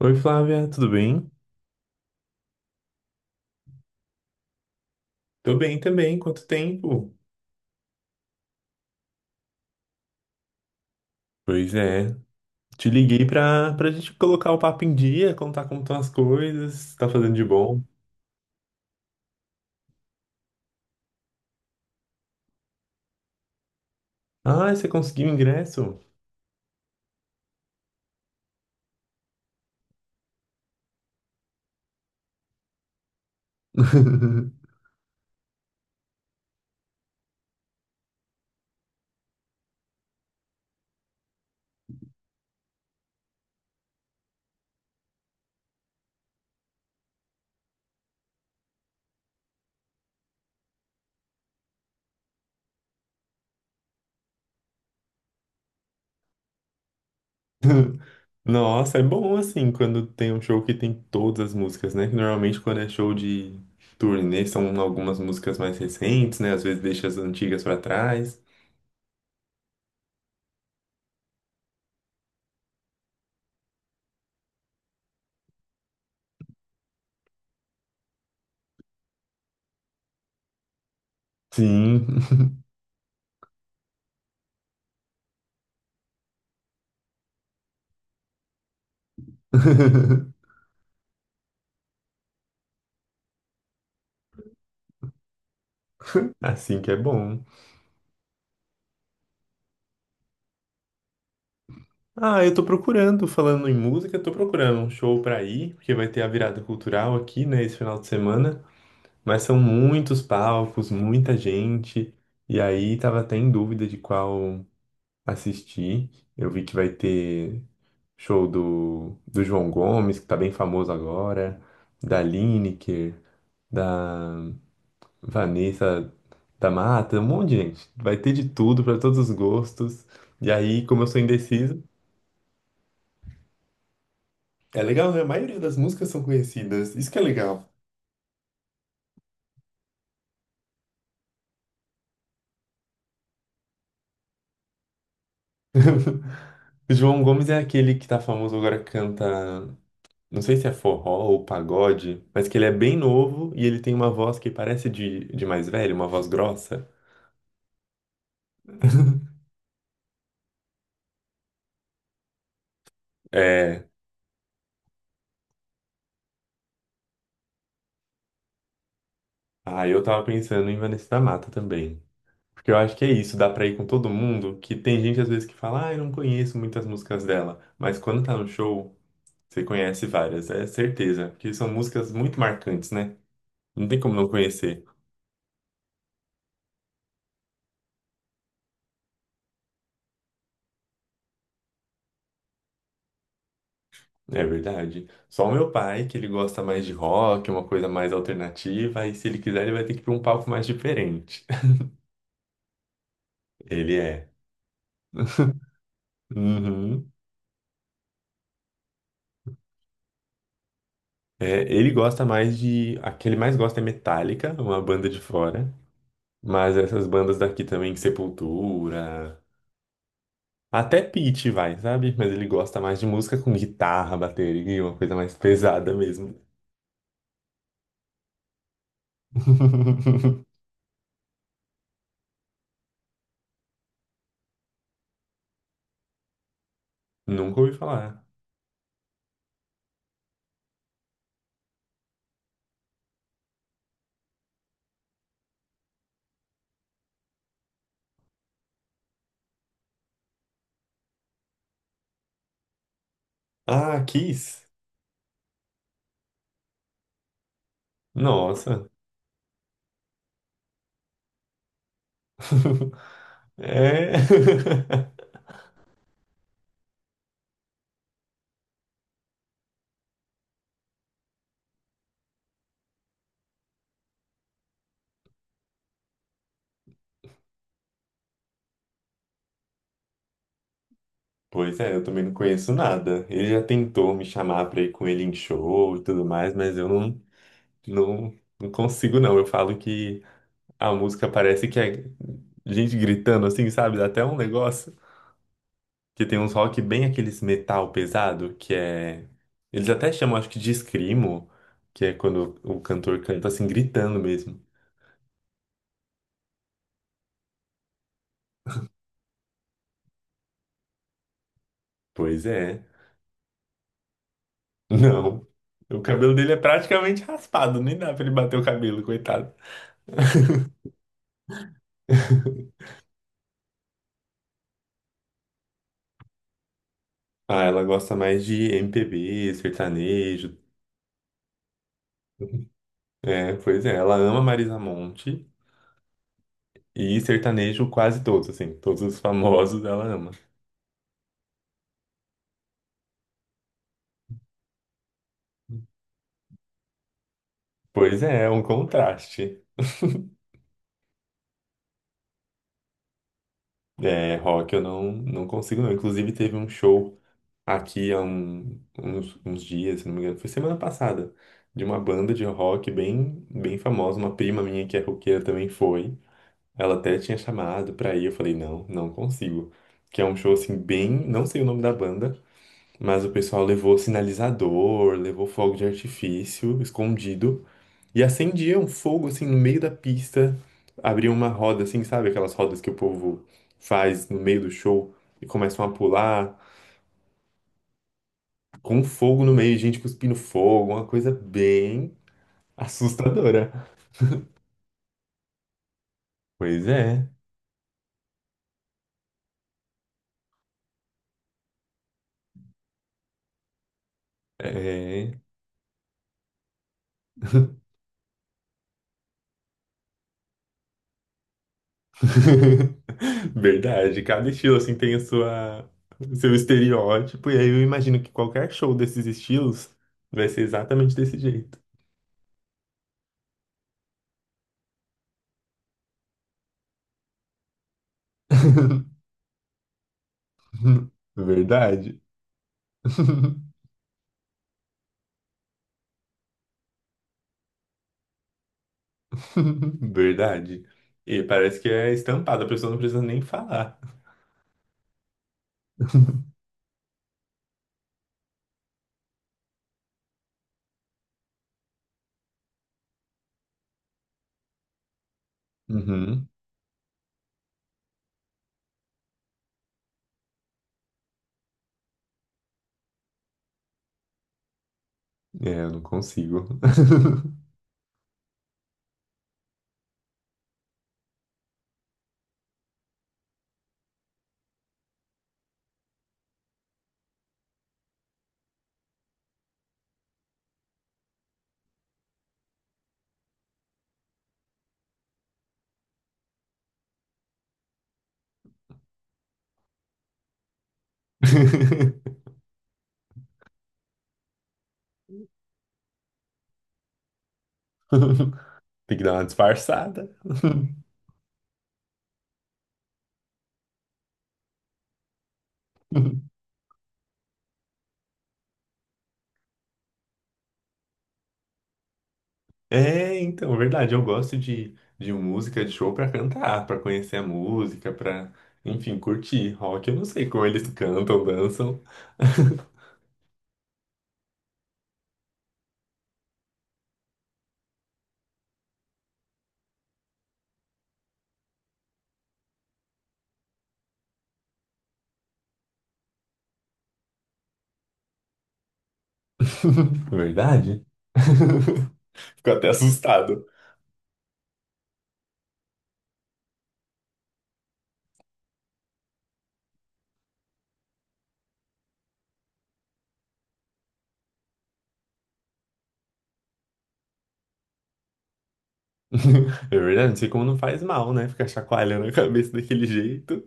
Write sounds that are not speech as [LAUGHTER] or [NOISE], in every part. Oi, Flávia, tudo bem? Tô bem também, quanto tempo? Pois é, te liguei pra gente colocar o papo em dia, contar como estão as coisas, tá fazendo de bom. Ah, você conseguiu o ingresso? [LAUGHS] Nossa, é bom assim quando tem um show que tem todas as músicas, né? Que normalmente quando é show de turnê são algumas músicas mais recentes, né? Às vezes deixa as antigas pra trás. Sim, [LAUGHS] assim que é bom. Ah, eu tô procurando, falando em música, tô procurando um show pra ir, porque vai ter a virada cultural aqui, né, esse final de semana. Mas são muitos palcos, muita gente, e aí tava até em dúvida de qual assistir. Eu vi que vai ter show do João Gomes, que tá bem famoso agora, da Lineker, da Vanessa da Mata, um monte de gente. Vai ter de tudo, pra todos os gostos. E aí, como eu sou indeciso, é legal, né? A maioria das músicas são conhecidas. Isso que é legal. O João Gomes é aquele que tá famoso agora, canta, não sei se é forró ou pagode, mas que ele é bem novo e ele tem uma voz que parece de mais velho, uma voz grossa. É. Ah, eu tava pensando em Vanessa da Mata também. Porque eu acho que é isso, dá pra ir com todo mundo, que tem gente às vezes que fala, ah, eu não conheço muitas músicas dela, mas quando tá no show, você conhece várias, é certeza, porque são músicas muito marcantes, né? Não tem como não conhecer. É verdade. Só o meu pai, que ele gosta mais de rock, uma coisa mais alternativa, e se ele quiser, ele vai ter que ir para um palco mais diferente. [LAUGHS] Ele é. Uhum. É, ele gosta mais de. A que ele mais gosta é Metallica, uma banda de fora. Mas essas bandas daqui também, Sepultura. Até Pitty vai, sabe? Mas ele gosta mais de música com guitarra, bateria, uma coisa mais pesada mesmo. [LAUGHS] Nunca ouvi falar. Ah, Kiss? Nossa, [LAUGHS] é. [LAUGHS] Pois é, eu também não conheço nada. Ele já tentou me chamar pra ir com ele em show e tudo mais, mas eu não, não consigo, não. Eu falo que a música parece que é gente gritando assim, sabe? Dá até um negócio. Que tem uns rock bem aqueles metal pesado, que é. Eles até chamam, acho que de screamo, que é quando o cantor canta assim, gritando mesmo. Pois é. Não. O cabelo dele é praticamente raspado, nem dá pra ele bater o cabelo, coitado. Ah, ela gosta mais de MPB, sertanejo. É, pois é, ela ama Marisa Monte e sertanejo quase todos, assim, todos os famosos ela ama. Pois é, é um contraste. É, rock eu não, não consigo não. Inclusive teve um show aqui há uns, uns dias, se não me engano, foi semana passada, de uma banda de rock bem famosa, uma prima minha que é roqueira também foi. Ela até tinha chamado pra ir, eu falei, não, não consigo. Que é um show assim, bem. Não sei o nome da banda, mas o pessoal levou sinalizador, levou fogo de artifício escondido e acendia um fogo assim no meio da pista. Abriam uma roda assim, sabe? Aquelas rodas que o povo faz no meio do show e começam a pular com um fogo no meio, gente cuspindo fogo, uma coisa bem assustadora. Pois é. É. [LAUGHS] [LAUGHS] Verdade, cada estilo assim tem a sua seu estereótipo, e aí eu imagino que qualquer show desses estilos vai ser exatamente desse jeito. [LAUGHS] Verdade. [LAUGHS] Verdade. E parece que é estampado, a pessoa não precisa nem falar. Uhum. É, eu não consigo. [LAUGHS] Tem que dar uma disfarçada. [LAUGHS] É, então, é verdade, eu gosto de música de show pra cantar, pra conhecer a música, pra, enfim, curtir. Rock, eu não sei como eles cantam, dançam. [LAUGHS] Verdade? [LAUGHS] Fico até assustado. [LAUGHS] É verdade, não sei como não faz mal, né? Ficar chacoalhando a cabeça daquele jeito.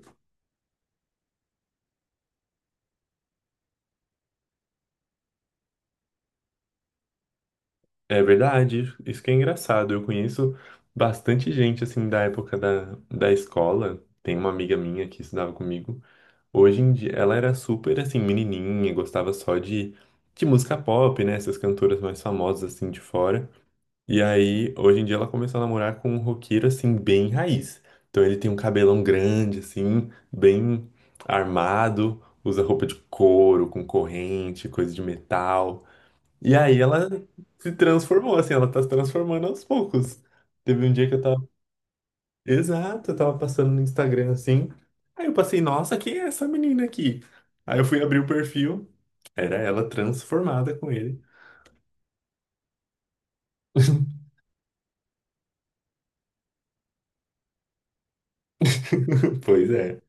É verdade, isso que é engraçado. Eu conheço bastante gente, assim, da época da escola. Tem uma amiga minha que estudava comigo. Hoje em dia, ela era super assim, menininha, gostava só de música pop, né? Essas cantoras mais famosas assim de fora. E aí, hoje em dia, ela começou a namorar com um roqueiro assim, bem raiz. Então, ele tem um cabelão grande, assim, bem armado, usa roupa de couro, com corrente, coisa de metal. E aí, ela se transformou, assim, ela tá se transformando aos poucos. Teve um dia que eu tava exato, eu tava passando no Instagram assim. Aí eu passei, nossa, quem é essa menina aqui? Aí eu fui abrir o perfil, era ela transformada com ele. [LAUGHS] Pois é.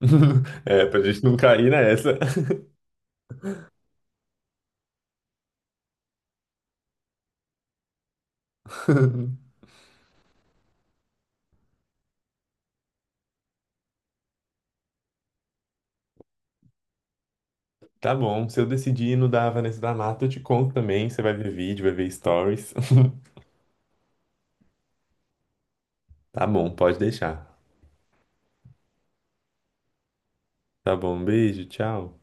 [LAUGHS] É, pra gente não cair nessa. [LAUGHS] Tá bom, se eu decidir ir no da Vanessa da Mata, eu te conto também. Você vai ver vídeo, vai ver stories. [LAUGHS] Tá bom, pode deixar. Tá bom, um beijo, tchau.